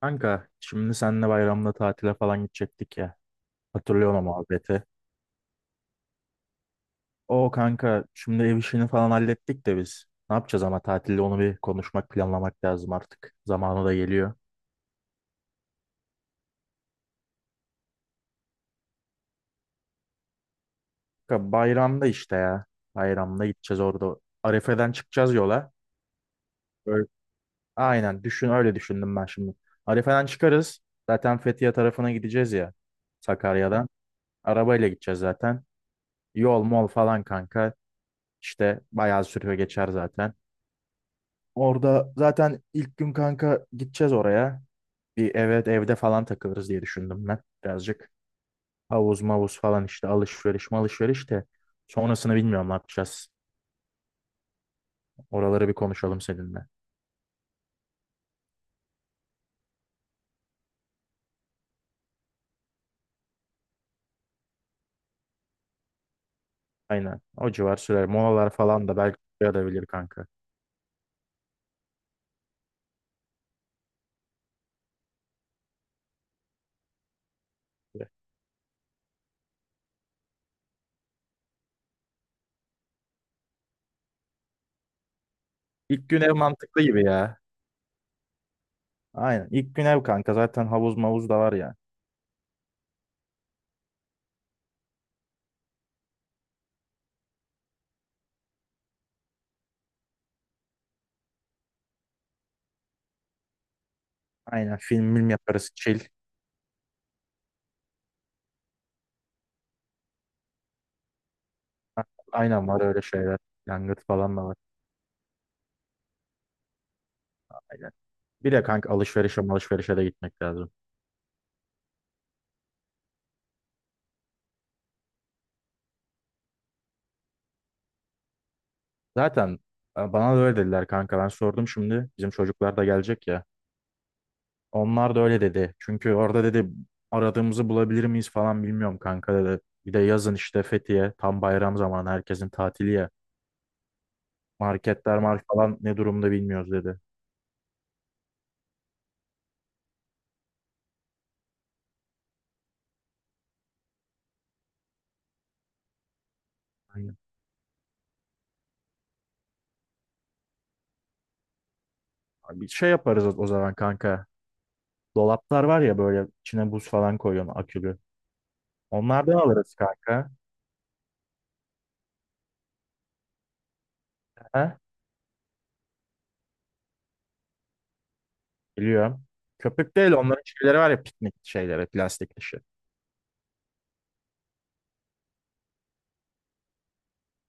Kanka şimdi seninle bayramda tatile falan gidecektik ya. Hatırlıyorum o muhabbeti. O kanka şimdi ev işini falan hallettik de biz. Ne yapacağız ama tatilde onu bir konuşmak planlamak lazım artık. Zamanı da geliyor. Kanka bayramda işte ya. Bayramda gideceğiz orada. Arefe'den çıkacağız yola. Böyle, aynen düşün öyle düşündüm ben şimdi. Arefe'den çıkarız. Zaten Fethiye tarafına gideceğiz ya. Sakarya'dan. Arabayla gideceğiz zaten. Yol mol falan kanka. İşte bayağı sürüyor geçer zaten. Orada zaten ilk gün kanka gideceğiz oraya. Bir, evet, evde falan takılırız diye düşündüm ben birazcık. Havuz mavuz falan işte alışveriş malışveriş de. Sonrasını bilmiyorum ne yapacağız. Oraları bir konuşalım seninle. Aynen o civar sürer. Molalar falan da belki yarayabilir kanka. İlk gün ev mantıklı gibi ya. Aynen İlk gün ev kanka zaten havuz mavuz da var ya. Aynen film film yaparız chill. Aynen var öyle şeyler. Yangıt falan da var. Aynen. Bir de kanka alışverişe malışverişe de gitmek lazım. Zaten bana da öyle dediler kanka. Ben sordum şimdi. Bizim çocuklar da gelecek ya. Onlar da öyle dedi. Çünkü orada dedi aradığımızı bulabilir miyiz falan bilmiyorum kanka dedi. Bir de yazın işte Fethiye tam bayram zamanı herkesin tatili ya. Marketler mark falan ne durumda bilmiyoruz dedi. Aynen. Abi, bir şey yaparız o zaman kanka. Dolaplar var ya böyle içine buz falan koyuyorsun akülü. Onlardan alırız kanka. He? Biliyorum. Köpük değil onların şeyleri var ya piknik şeyleri plastik dışı.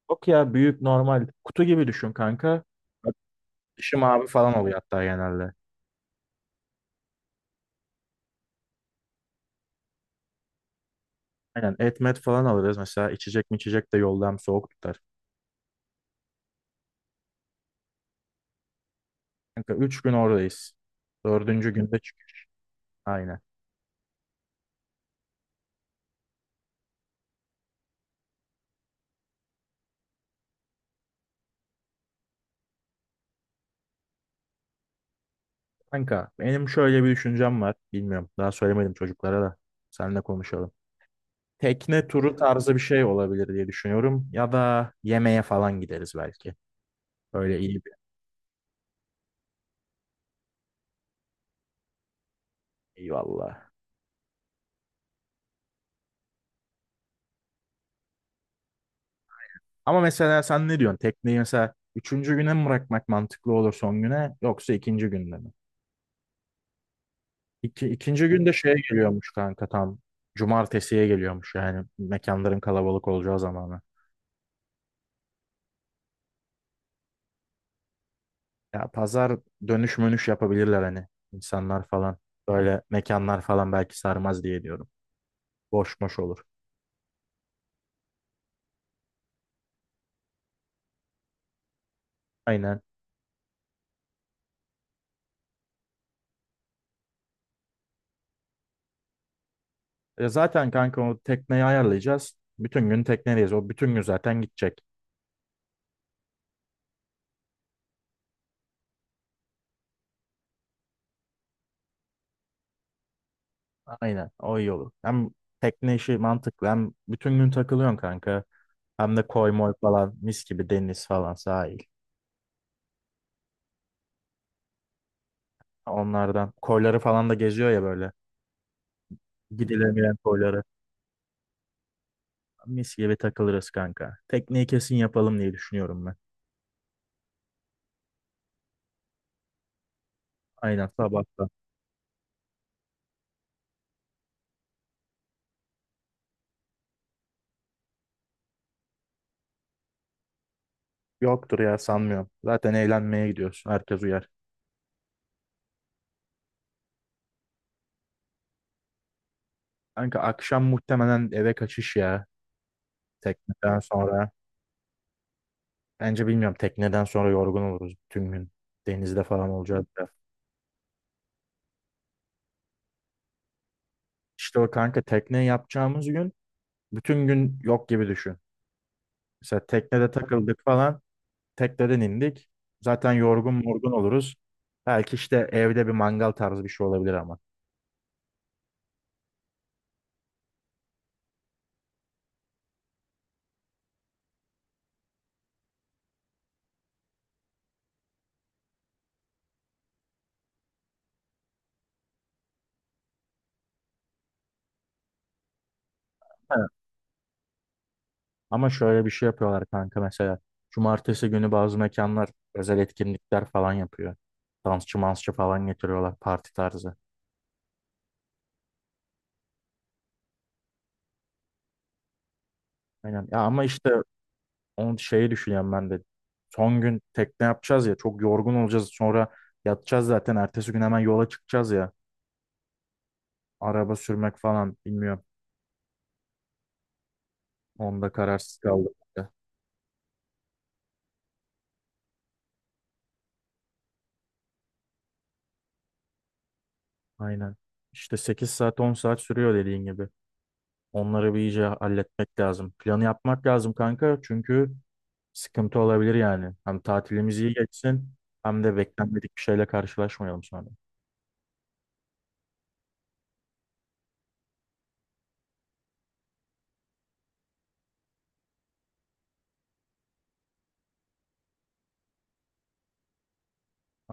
Yok ya büyük normal kutu gibi düşün kanka. Bak, dışı mavi falan oluyor hatta genelde. Aynen et met falan alırız. Mesela içecek mi içecek de yolda hem soğuk tutar. Kanka 3 gün oradayız. Dördüncü günde çık. Aynen. Kanka benim şöyle bir düşüncem var. Bilmiyorum daha söylemedim çocuklara da. Seninle konuşalım. Tekne turu tarzı bir şey olabilir diye düşünüyorum. Ya da yemeğe falan gideriz belki. Böyle iyi bir. Eyvallah. Ama mesela sen ne diyorsun? Tekneyi mesela üçüncü güne mi bırakmak mantıklı olur, son güne, yoksa ikinci günde mi? İki, ikinci günde şeye geliyormuş kanka, tam cumartesiye geliyormuş, yani mekanların kalabalık olacağı zamanı. Ya pazar dönüş mönüş yapabilirler hani, insanlar falan, böyle mekanlar falan belki sarmaz diye diyorum. Boş boş olur. Aynen. E zaten kanka o tekneyi ayarlayacağız. Bütün gün teknedeyiz. O bütün gün zaten gidecek. Aynen. O iyi olur. Hem tekne işi mantıklı hem bütün gün takılıyorsun kanka. Hem de koy moy falan mis gibi deniz falan sahil. Onlardan koyları falan da geziyor ya böyle. Gidilemeyen koyları. Mis gibi takılırız kanka. Tekneyi kesin yapalım diye düşünüyorum ben. Aynen sabahta. Yoktur ya, sanmıyorum. Zaten eğlenmeye gidiyoruz. Herkes uyar. Kanka akşam muhtemelen eve kaçış ya. Tekneden sonra. Bence bilmiyorum, tekneden sonra yorgun oluruz bütün gün. Denizde falan olacağız da. İşte o kanka tekne yapacağımız gün bütün gün yok gibi düşün. Mesela teknede takıldık falan. Tekneden indik. Zaten yorgun morgun oluruz. Belki işte evde bir mangal tarzı bir şey olabilir ama. He. Ama şöyle bir şey yapıyorlar kanka mesela. Cumartesi günü bazı mekanlar özel etkinlikler falan yapıyor. Dansçı mansçı falan getiriyorlar, parti tarzı. Aynen. Ya ama işte onu şeyi düşünüyorum ben de. Son gün tekne yapacağız ya, çok yorgun olacağız. Sonra yatacağız zaten. Ertesi gün hemen yola çıkacağız ya. Araba sürmek falan bilmiyorum. Onda kararsız kaldım. Aynen. İşte 8 saat 10 saat sürüyor dediğin gibi. Onları bir iyice halletmek lazım. Planı yapmak lazım kanka, çünkü sıkıntı olabilir yani. Hem tatilimiz iyi geçsin hem de beklenmedik bir şeyle karşılaşmayalım sonra.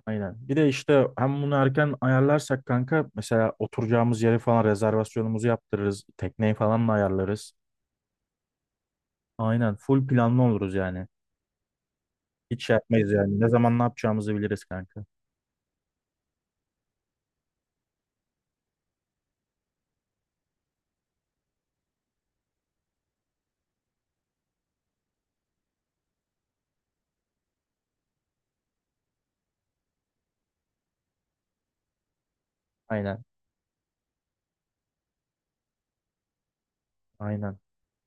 Aynen. Bir de işte hem bunu erken ayarlarsak kanka, mesela oturacağımız yeri falan, rezervasyonumuzu yaptırırız. Tekneyi falan da ayarlarız. Aynen. Full planlı oluruz yani. Hiç şey yapmayız yani. Ne zaman ne yapacağımızı biliriz kanka. Aynen. Aynen.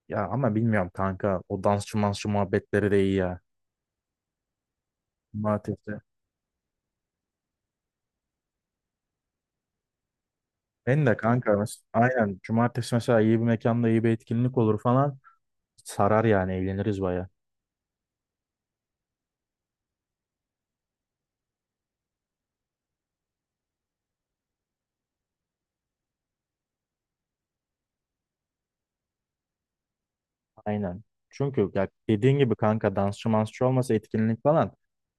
Ya ama bilmiyorum kanka. O dansçı mansçı muhabbetleri de iyi ya. Cumartesi. Ben de kanka aynen. Cumartesi mesela iyi bir mekanda iyi bir etkinlik olur falan. Sarar yani, eğleniriz baya. Aynen. Çünkü ya dediğin gibi kanka dansçı mansçı olmasa etkinlik falan.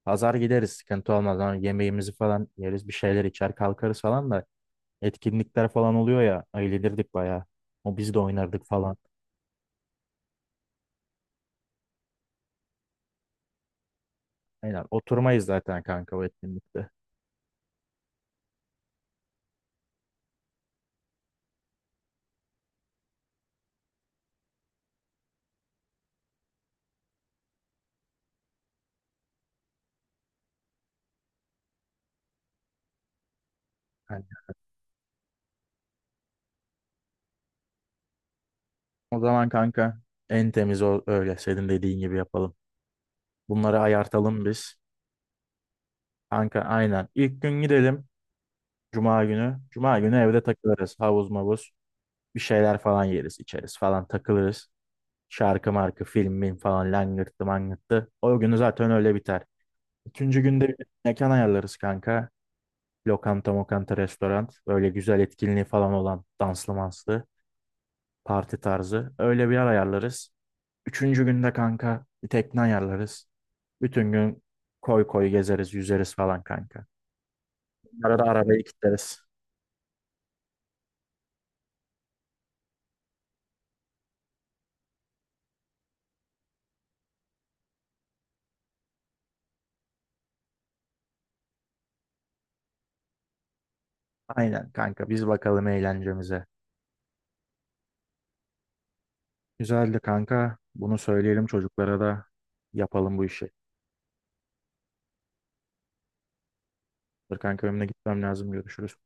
Pazar gideriz, sıkıntı olmaz. Hani yemeğimizi falan yeriz, bir şeyler içer kalkarız falan da. Etkinlikler falan oluyor ya, eğlenirdik baya. O biz de oynardık falan. Aynen oturmayız zaten kanka o etkinlikte. Hani. O zaman kanka en temiz o, öyle senin dediğin gibi yapalım. Bunları ayartalım biz. Kanka aynen. İlk gün gidelim. Cuma günü. Cuma günü evde takılırız. Havuz mavuz. Bir şeyler falan yeriz içeriz falan takılırız. Şarkı markı film mim falan langırttı mangırttı. O günü zaten öyle biter. Üçüncü günde bir mekan ayarlarız kanka. Lokanta mokanta restoran. Böyle güzel etkinliği falan olan, danslı manslı, parti tarzı. Öyle bir yer ayarlarız. Üçüncü günde kanka bir tekne ayarlarız. Bütün gün koy koy gezeriz, yüzeriz falan kanka. Arada arabayı kilitleriz. Aynen kanka, biz bakalım eğlencemize. Güzeldi kanka. Bunu söyleyelim çocuklara da, yapalım bu işi. Dur kanka, önüne gitmem lazım. Görüşürüz.